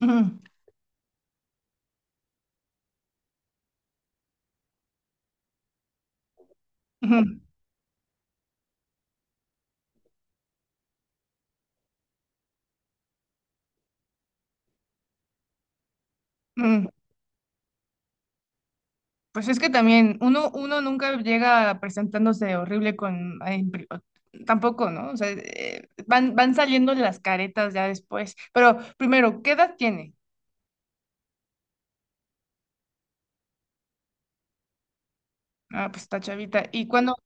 Ujú, ujú, ujú. Pues es que también uno nunca llega presentándose horrible con... ay, tampoco, ¿no? O sea, van saliendo las caretas ya después. Pero primero, ¿qué edad tiene? Ah, pues está chavita. ¿Y cuándo?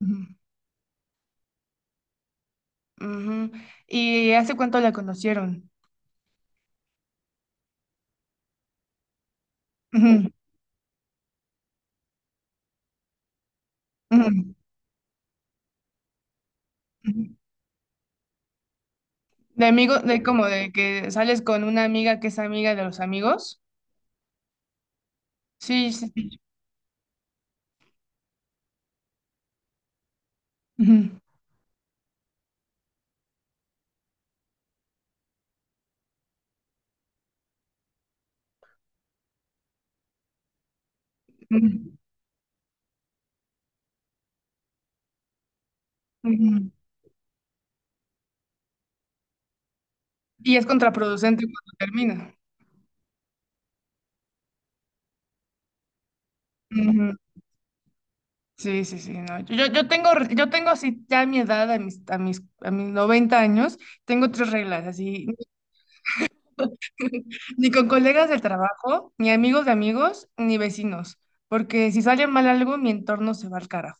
Ujú, ujú. ¿Y hace cuánto la conocieron? Ujú, ujú, ujú. De amigo, de como de que sales con una amiga que es amiga de los amigos. Sí, sí, sí. Ujú, ujú, ujú. Y es contraproducente cuando termina. Sí, sí, sí, no. Yo tengo así ya a mi edad, a mis 90 años, tengo tres reglas, así, ni con colegas del trabajo, ni amigos de amigos, ni vecinos, porque si sale mal algo, mi entorno se va al carajo.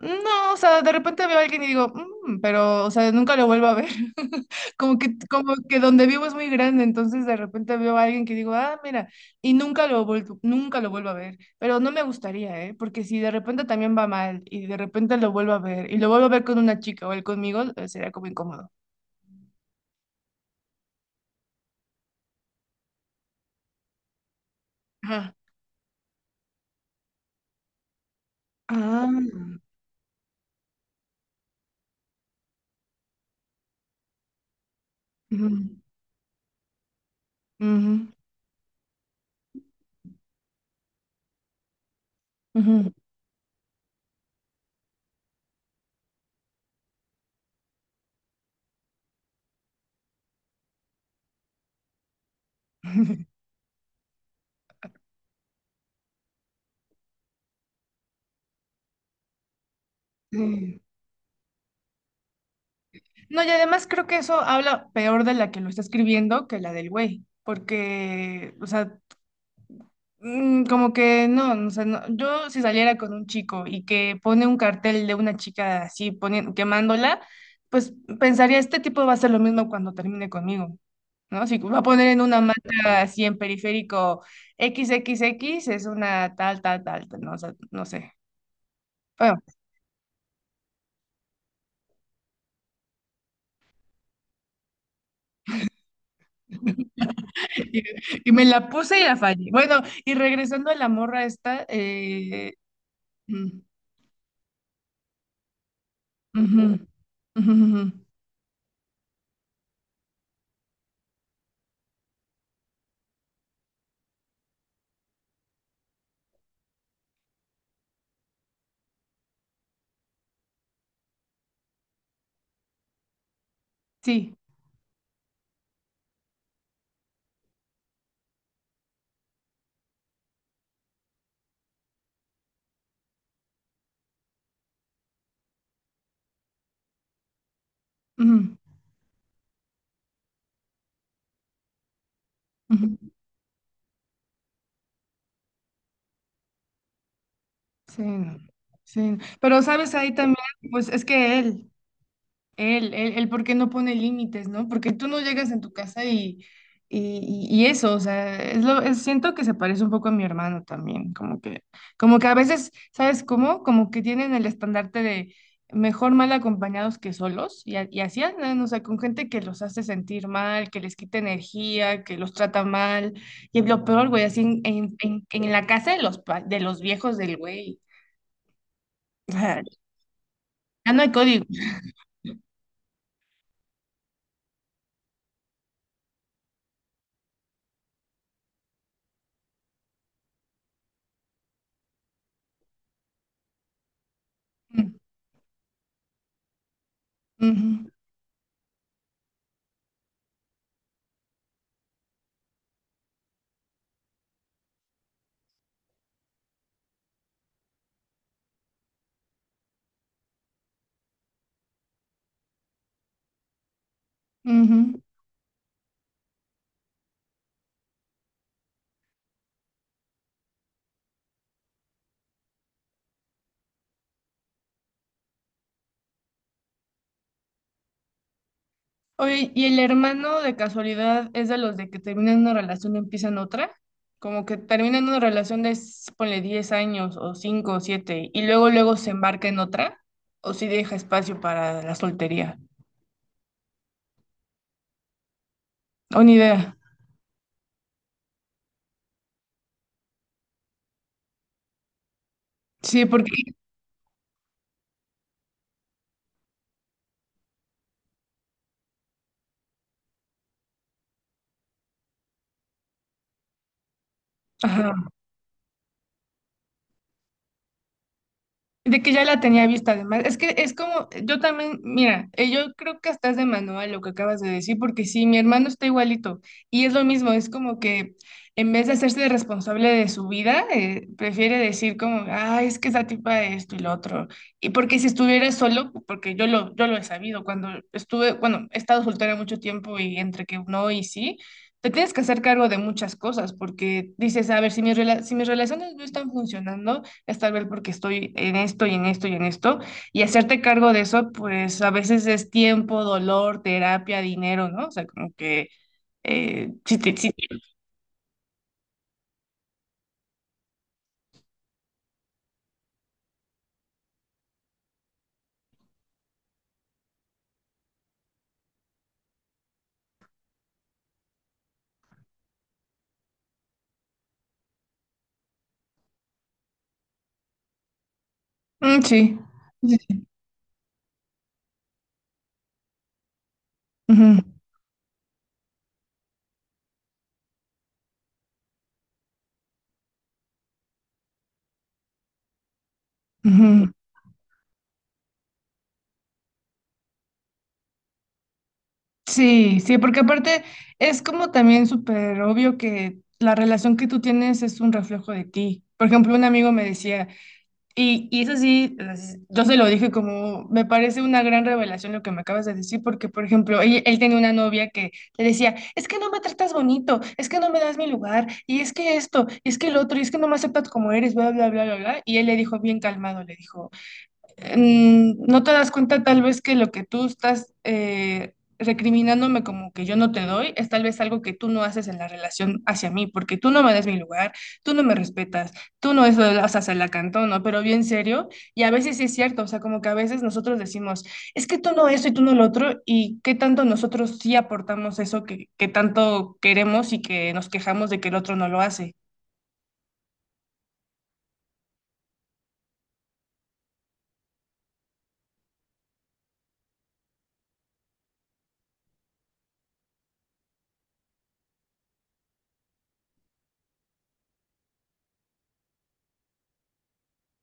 No, o sea, de repente veo a alguien y digo, "Mm", pero, o sea, nunca lo vuelvo a ver. Como que donde vivo es muy grande, entonces de repente veo a alguien que digo, ah, mira, y nunca lo vuelvo a ver. Pero no me gustaría, ¿eh? Porque si de repente también va mal y de repente lo vuelvo a ver y lo vuelvo a ver con una chica o él conmigo, sería como incómodo. Ajá. Ah. Ujú, ujú, ujú. Sí. No, y además creo que eso habla peor de la que lo está escribiendo que la del güey, porque, o sea, como que no, o sea, yo si saliera con un chico y que pone un cartel de una chica así poniendo, quemándola, pues pensaría, este tipo va a hacer lo mismo cuando termine conmigo, ¿no? Si va a poner en una manta así en periférico XXX, es una tal, tal, tal, tal, no, o sea, no sé. Bueno, y, y me la puse y la fallé. Bueno, y regresando a la morra esta, mm, ujú, ujú, ujú, sí. Ujú, ujú. Sí, no, sí, no. Pero sabes ahí también, pues es que él, ¿por qué no pone límites, no? Porque tú no llegas en tu casa y eso, o sea, siento que se parece un poco a mi hermano también, como que a veces, ¿sabes cómo? Como que tienen el estandarte de mejor mal acompañados que solos, y así andan, o sea, con gente que los hace sentir mal, que les quita energía, que los trata mal, y lo peor, güey, así en la casa de los viejos del güey. Ya no hay código. Ujú, ujú. Oye, ¿y el hermano de casualidad es de los de que terminan una relación y empiezan otra? ¿Como que terminan una relación de, ponle, 10 años o 5 o 7 y luego luego se embarca en otra? ¿O si deja espacio para la soltería? O ni idea. Sí, porque... Ajá. De que ya la tenía vista además. Es que es como, yo también, mira, yo creo que hasta es de manual lo que acabas de decir, porque sí, mi hermano está igualito y es lo mismo, es como que en vez de hacerse responsable de su vida, prefiere decir como, ah, es que esa tipa de esto y lo otro. Y porque si estuviera solo, porque yo lo he sabido, cuando estuve, bueno, he estado soltera mucho tiempo y entre que no y sí. Te tienes que hacer cargo de muchas cosas porque dices, a ver, si si mis relaciones no están funcionando, es tal vez porque estoy en esto y en esto y en esto, y hacerte cargo de eso, pues a veces es tiempo, dolor, terapia, dinero, ¿no? O sea, como que... Sí. Mm, sí, sí, sí. Ujú, ujú. Sí, sí, porque aparte es como también súper obvio que la relación que tú tienes es un reflejo de ti. Por ejemplo, un amigo me decía, Y eso sí, yo se lo dije como, me parece una gran revelación lo que me acabas de decir, porque, por ejemplo, él tenía una novia que le decía, es que no me tratas bonito, es que no me das mi lugar, y es que esto, y es que el otro, y es que no me aceptas como eres, bla, bla, bla, bla, bla. Y él le dijo bien calmado, le dijo, no te das cuenta tal vez que lo que tú estás recriminándome como que yo no te doy es tal vez algo que tú no haces en la relación hacia mí, porque tú no me das mi lugar, tú no me respetas, tú no eso, o sea, se la cantó, ¿no? Pero bien serio, y a veces sí es cierto, o sea, como que a veces nosotros decimos, es que tú no eso y tú no lo otro, y qué tanto nosotros sí aportamos eso que tanto queremos y que nos quejamos de que el otro no lo hace.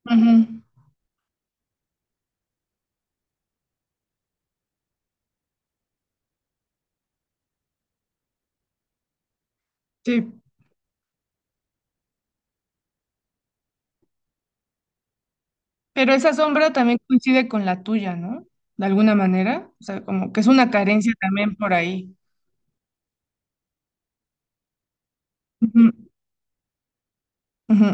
Ujú. Sí. Pero esa sombra también coincide con la tuya, ¿no? De alguna manera. O sea, como que es una carencia también por ahí. Ujú, ujú.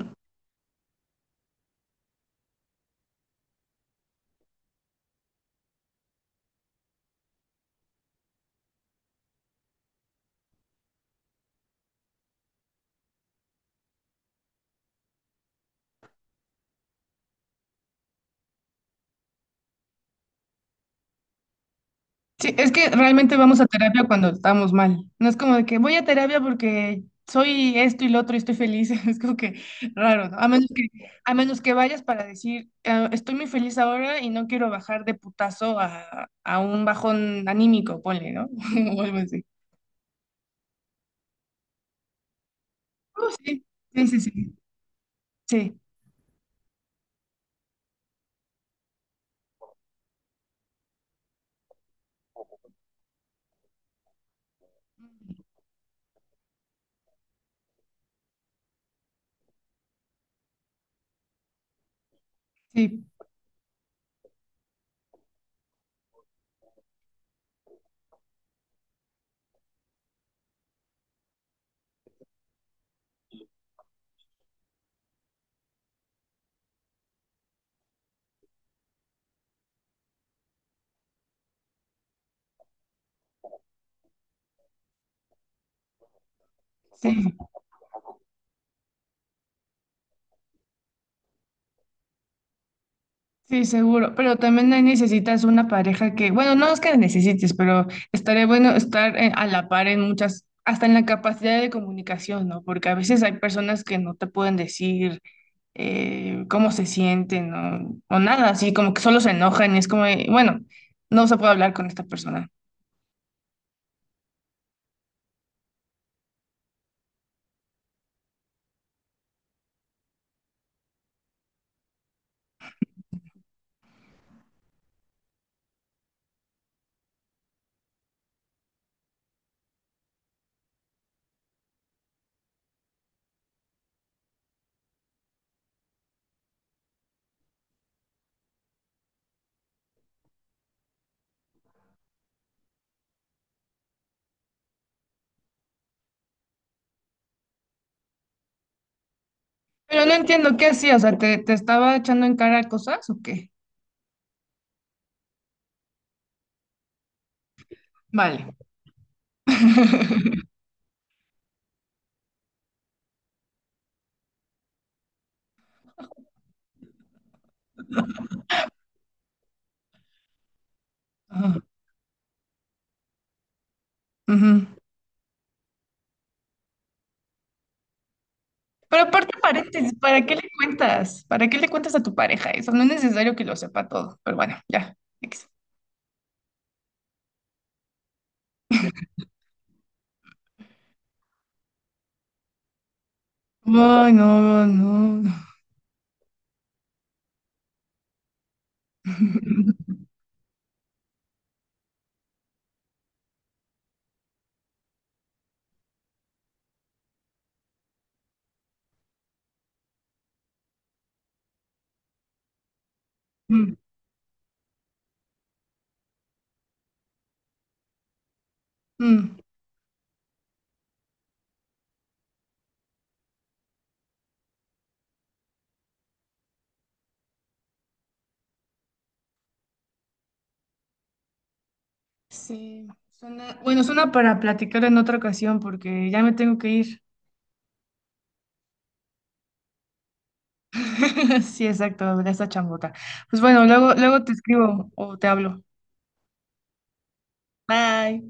Sí, es que realmente vamos a terapia cuando estamos mal. No es como de que voy a terapia porque soy esto y lo otro y estoy feliz. Es como que raro, ¿no? A menos que vayas para decir, "Ah, estoy muy feliz ahora y no quiero bajar de putazo a, un bajón anímico, ponle, ¿no?" O algo así. Oh, sí, sí, sí, sí, sí, sí, sí. Sí, seguro, pero también ahí necesitas una pareja que, bueno, no es que necesites, pero estaría bueno estar a la par en muchas, hasta en la capacidad de comunicación, ¿no? Porque a veces hay personas que no te pueden decir cómo se sienten o nada, así como que solo se enojan y es como, de, bueno, no se puede hablar con esta persona. Pero no entiendo qué hacía, o sea, ¿te estaba echando en cara cosas o qué? Vale. Ajá. Ujú. Pero aparte, paréntesis, ¿para qué le cuentas? ¿Para qué le cuentas a tu pareja eso? No es necesario que lo sepa todo, pero bueno, ya. X. Ay, no, no. Mm, mm. Sí, bueno, suena para platicar en otra ocasión porque ya me tengo que ir. Sí, exacto, de esta chambota. Pues bueno, luego, luego te escribo o te hablo. Bye.